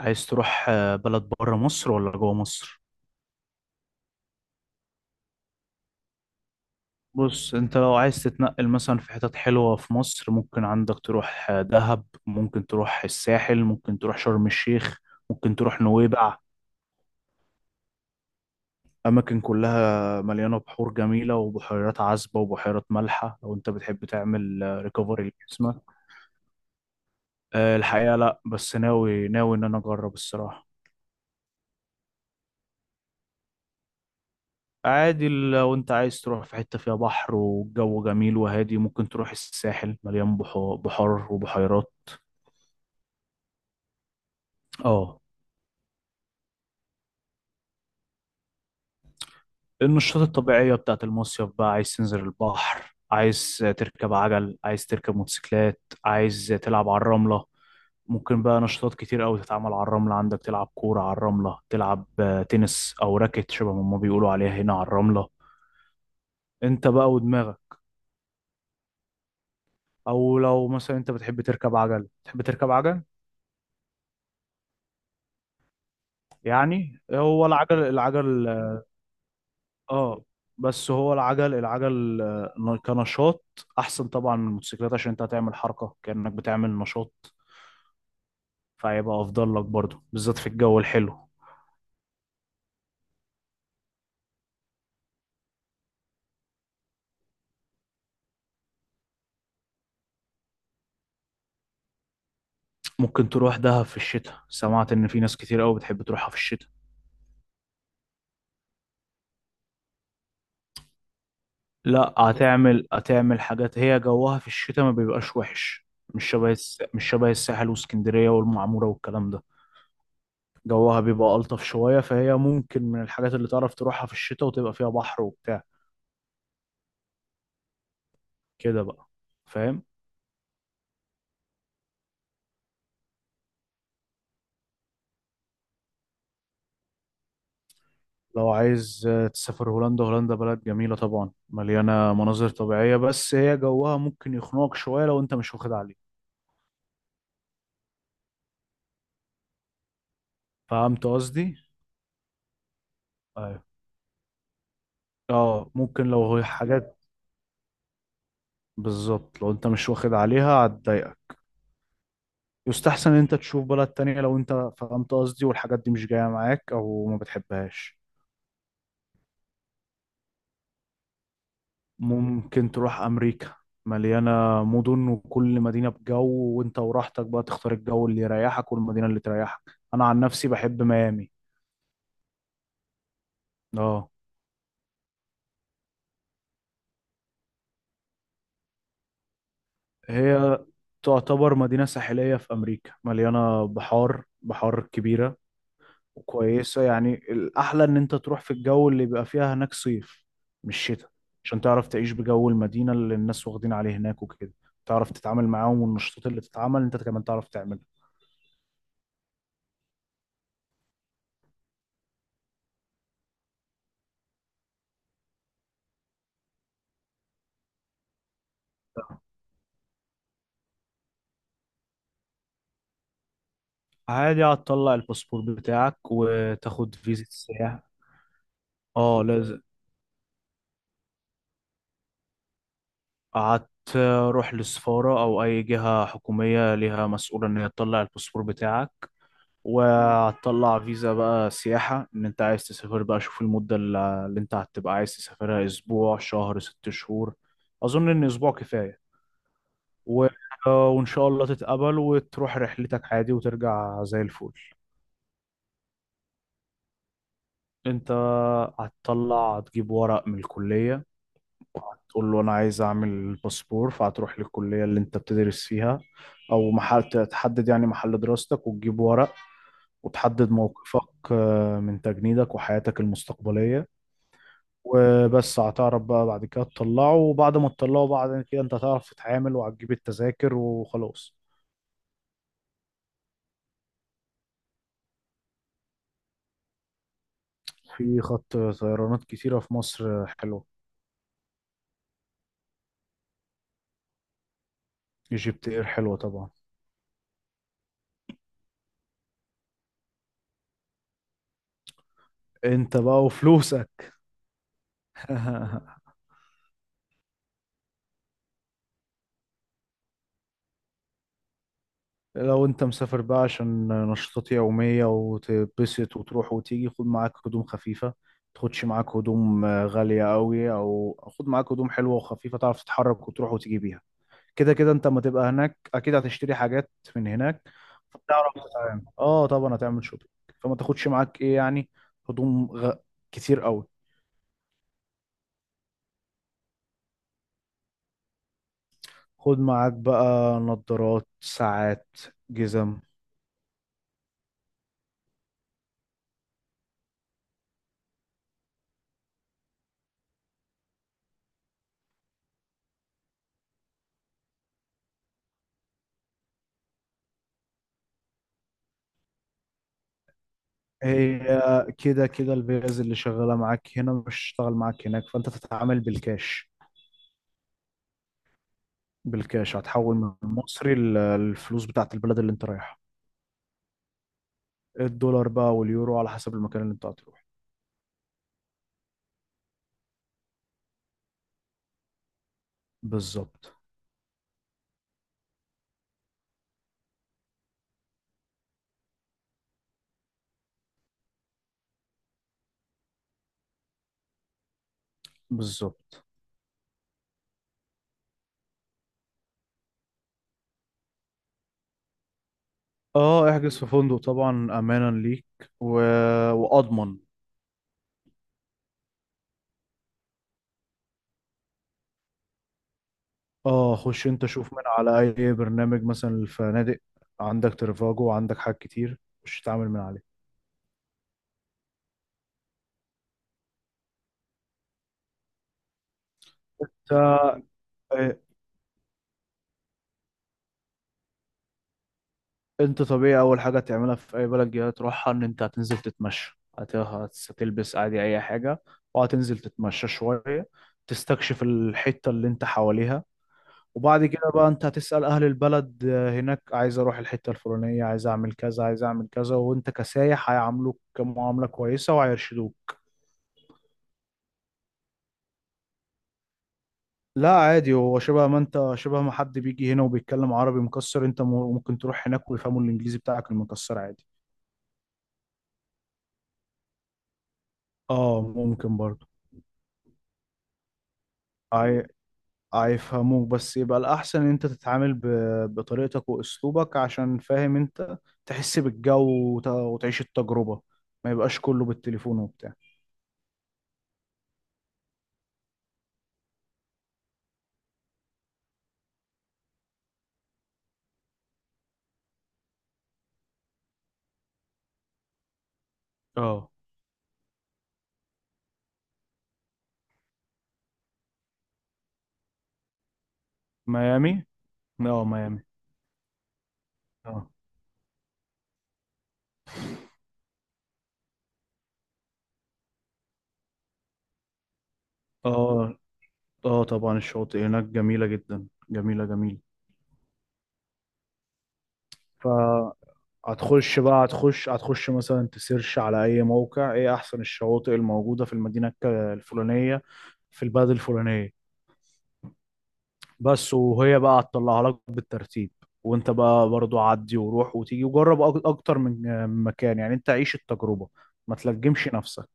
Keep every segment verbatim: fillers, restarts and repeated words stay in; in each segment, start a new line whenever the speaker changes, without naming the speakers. عايز تروح آه، بلد بره مصر ولا جوه مصر؟ بص، انت لو عايز تتنقل مثلا في حتت حلوة في مصر، ممكن عندك تروح آه، دهب، ممكن تروح الساحل، ممكن تروح شرم الشيخ، ممكن تروح نويبع. أماكن كلها مليانة بحور جميلة وبحيرات عذبة وبحيرات مالحة لو انت بتحب تعمل ريكفري لجسمك. آه، الحقيقة لا، بس ناوي ناوي ان انا اجرب الصراحة. عادي، لو انت عايز تروح في حتة فيها بحر والجو جميل وهادي ممكن تروح الساحل، مليان بحو- بحار وبحيرات. اه. النشاطات الطبيعية بتاعت المصيف بقى، عايز تنزل البحر، عايز تركب عجل، عايز تركب موتوسيكلات، عايز تلعب على الرملة. ممكن بقى نشاطات كتير أوي تتعمل على الرملة، عندك تلعب كورة على الرملة، تلعب آه، تنس أو راكت شبه ما هما بيقولوا عليها هنا على الرملة. انت بقى ودماغك. او لو مثلا انت بتحب تركب عجل، تحب تركب عجل يعني، هو العجل العجل. اه. بس هو العجل العجل آه، كنشاط احسن طبعا من الموتوسيكلات، عشان انت هتعمل حركه كانك بتعمل نشاط، فهيبقى افضل لك برضه بالذات في الجو الحلو. ممكن تروح دهب في الشتاء، سمعت ان في ناس كتير قوي بتحب تروحها في الشتاء. لا، هتعمل هتعمل حاجات، هي جوها في الشتاء ما بيبقاش وحش، مش شبه الس... مش شبه الساحل واسكندريه والمعموره والكلام ده. جوها بيبقى الطف شويه، فهي ممكن من الحاجات اللي تعرف تروحها في الشتاء وتبقى فيها بحر وبتاع كده بقى. فاهم؟ لو عايز آه، تسافر هولندا، هولندا بلد جميلة طبعا، مليانة مناظر طبيعية، بس هي جوها ممكن يخنقك شوية لو انت مش واخد عليه. فهمت قصدي؟ ايوه. اه، ممكن لو هي حاجات بالظبط، لو انت مش واخد عليها هتضايقك. يستحسن ان انت تشوف بلد تانية لو انت فهمت قصدي، والحاجات دي مش جاية معاك او ما بتحبهاش. ممكن تروح امريكا، مليانة مدن وكل مدينة بجو، وانت وراحتك بقى تختار الجو اللي يريحك والمدينة اللي تريحك. انا عن نفسي بحب ميامي. اه. هي تعتبر مدينة ساحلية في أمريكا، مليانة بحار، بحار كبيرة وكويسة يعني. الأحلى إن أنت تروح في الجو اللي بيبقى فيها هناك صيف، مش شتاء، عشان تعرف تعيش بجو المدينة اللي الناس واخدين عليه هناك وكده، تعرف تتعامل معاهم، والنشاطات اللي تتعمل أنت كمان تعرف تعملها. عادي، هتطلع الباسبور بتاعك وتاخد فيزا سياحة. اه لازم. قعدت. روح للسفارة أو أي جهة حكومية ليها مسؤولة إن هي تطلع الباسبور بتاعك. وهتطلع فيزا بقى سياحة، إن أنت عايز تسافر بقى، شوف المدة اللي اللي أنت هتبقى عايز تسافرها، أسبوع، شهر، ست شهور. أظن إن أسبوع كفاية. و... آه، وإن شاء الله تتقبل وتروح رحلتك عادي وترجع زي الفل. أنت هتطلع هتجيب ورق من الكلية، وهتقول له أنا عايز أعمل باسبور، فهتروح للكلية اللي أنت بتدرس فيها، أو محل تحدد يعني محل دراستك، وتجيب ورق وتحدد موقفك آه، من تجنيدك وحياتك المستقبلية. وبس، هتعرف بقى بعد كده تطلعه، وبعد ما تطلعه بعد كده انت هتعرف تتعامل وهتجيب التذاكر وخلاص. في خط طيرانات كتيرة في مصر حلوة. ايجيبت اير حلوة طبعا. انت بقى وفلوسك. لو انت مسافر بقى عشان نشاطات يومية وتتبسط وتروح وتيجي، خد معاك هدوم خفيفة. تاخدش معاك هدوم آه، غالية قوي، او خد معاك هدوم حلوة وخفيفة تعرف تتحرك وتروح وتيجي بيها. كده كده انت اما تبقى هناك اكيد هتشتري حاجات من هناك، فتعرف تتعامل. اه طبعا هتعمل شوبينج. فما تاخدش معاك ايه يعني، هدوم غ... كتير قوي. خد معاك بقى نظارات، ساعات، جزم. هي كده كده الفيز اللي شغاله معاك هنا مش هتشتغل معاك هناك، فانت تتعامل بالكاش. بالكاش هتحول من المصري ل- للفلوس بتاعت البلد اللي انت رايحها. الدولار بقى واليورو على حسب المكان اللي انت هتروح. بالظبط. بالظبط. اه احجز في فندق طبعا، امانا ليك، و... واضمن. اه، خش انت شوف من على اي برنامج مثلا الفنادق. عندك ترفاجو وعندك حاجات كتير مش تتعامل من عليه. ف... آه، انت طبيعي اول حاجه تعملها في اي بلد جديده تروحها ان انت هتنزل تتمشى، هت... هتلبس عادي اي حاجه وهتنزل تتمشى شويه، تستكشف الحته اللي انت حواليها. وبعد كده بقى انت هتسأل اهل البلد آه، هناك، عايز اروح الحتة الفلانية، عايز اعمل كذا، عايز اعمل كذا، وانت كسايح هيعاملوك معاملة كويسة وهيرشدوك. لا عادي، هو شبه ما انت، شبه ما حد بيجي هنا وبيتكلم عربي مكسر، انت م- ممكن تروح هناك ويفهموا الانجليزي بتاعك المكسر عادي. اه ممكن برضه. هي- هيفهموك، بس يبقى الاحسن ان انت تتعامل ب... بطريقتك واسلوبك عشان فاهم انت، تحس بالجو وت... وتعيش التجربة، ما يبقاش كله بالتليفون وبتاع. اه ميامي. اه ميامي. اه. اه. اه طبعا الشواطئ هناك جميلة جدا، جميلة جميلة. فهتخش بقى، هتخش هتخش مثلا تسيرش على اي موقع ايه احسن الشواطئ الموجودة في المدينة الك- الفلانية، في البلد الفلانية بس، وهي بقى هتطلعها لك بالترتيب. وانت بقى برضو عدي وروح وتيجي وجرب أك- اكتر من آه، من مكان يعني، انت عيش التجربة، ما تلجمش نفسك.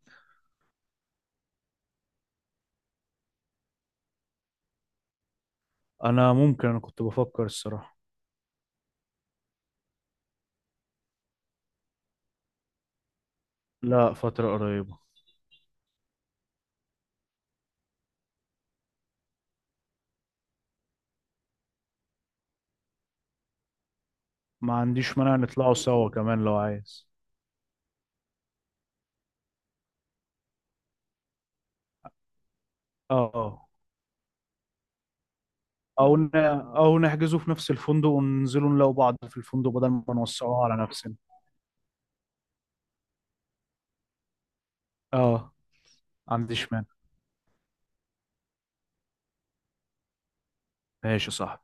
انا ممكن، انا كنت بفكر الصراحة. لا، فترة قريبة. ما عنديش مانع نطلعوا سوا كمان لو عايز. اه. او ن... او نحجزه في نفس الفندق وننزلوا نلاقوا بعض في الفندق بدل ما نوسعوها على نفسنا. اه ما عنديش مانع. ماشي صح.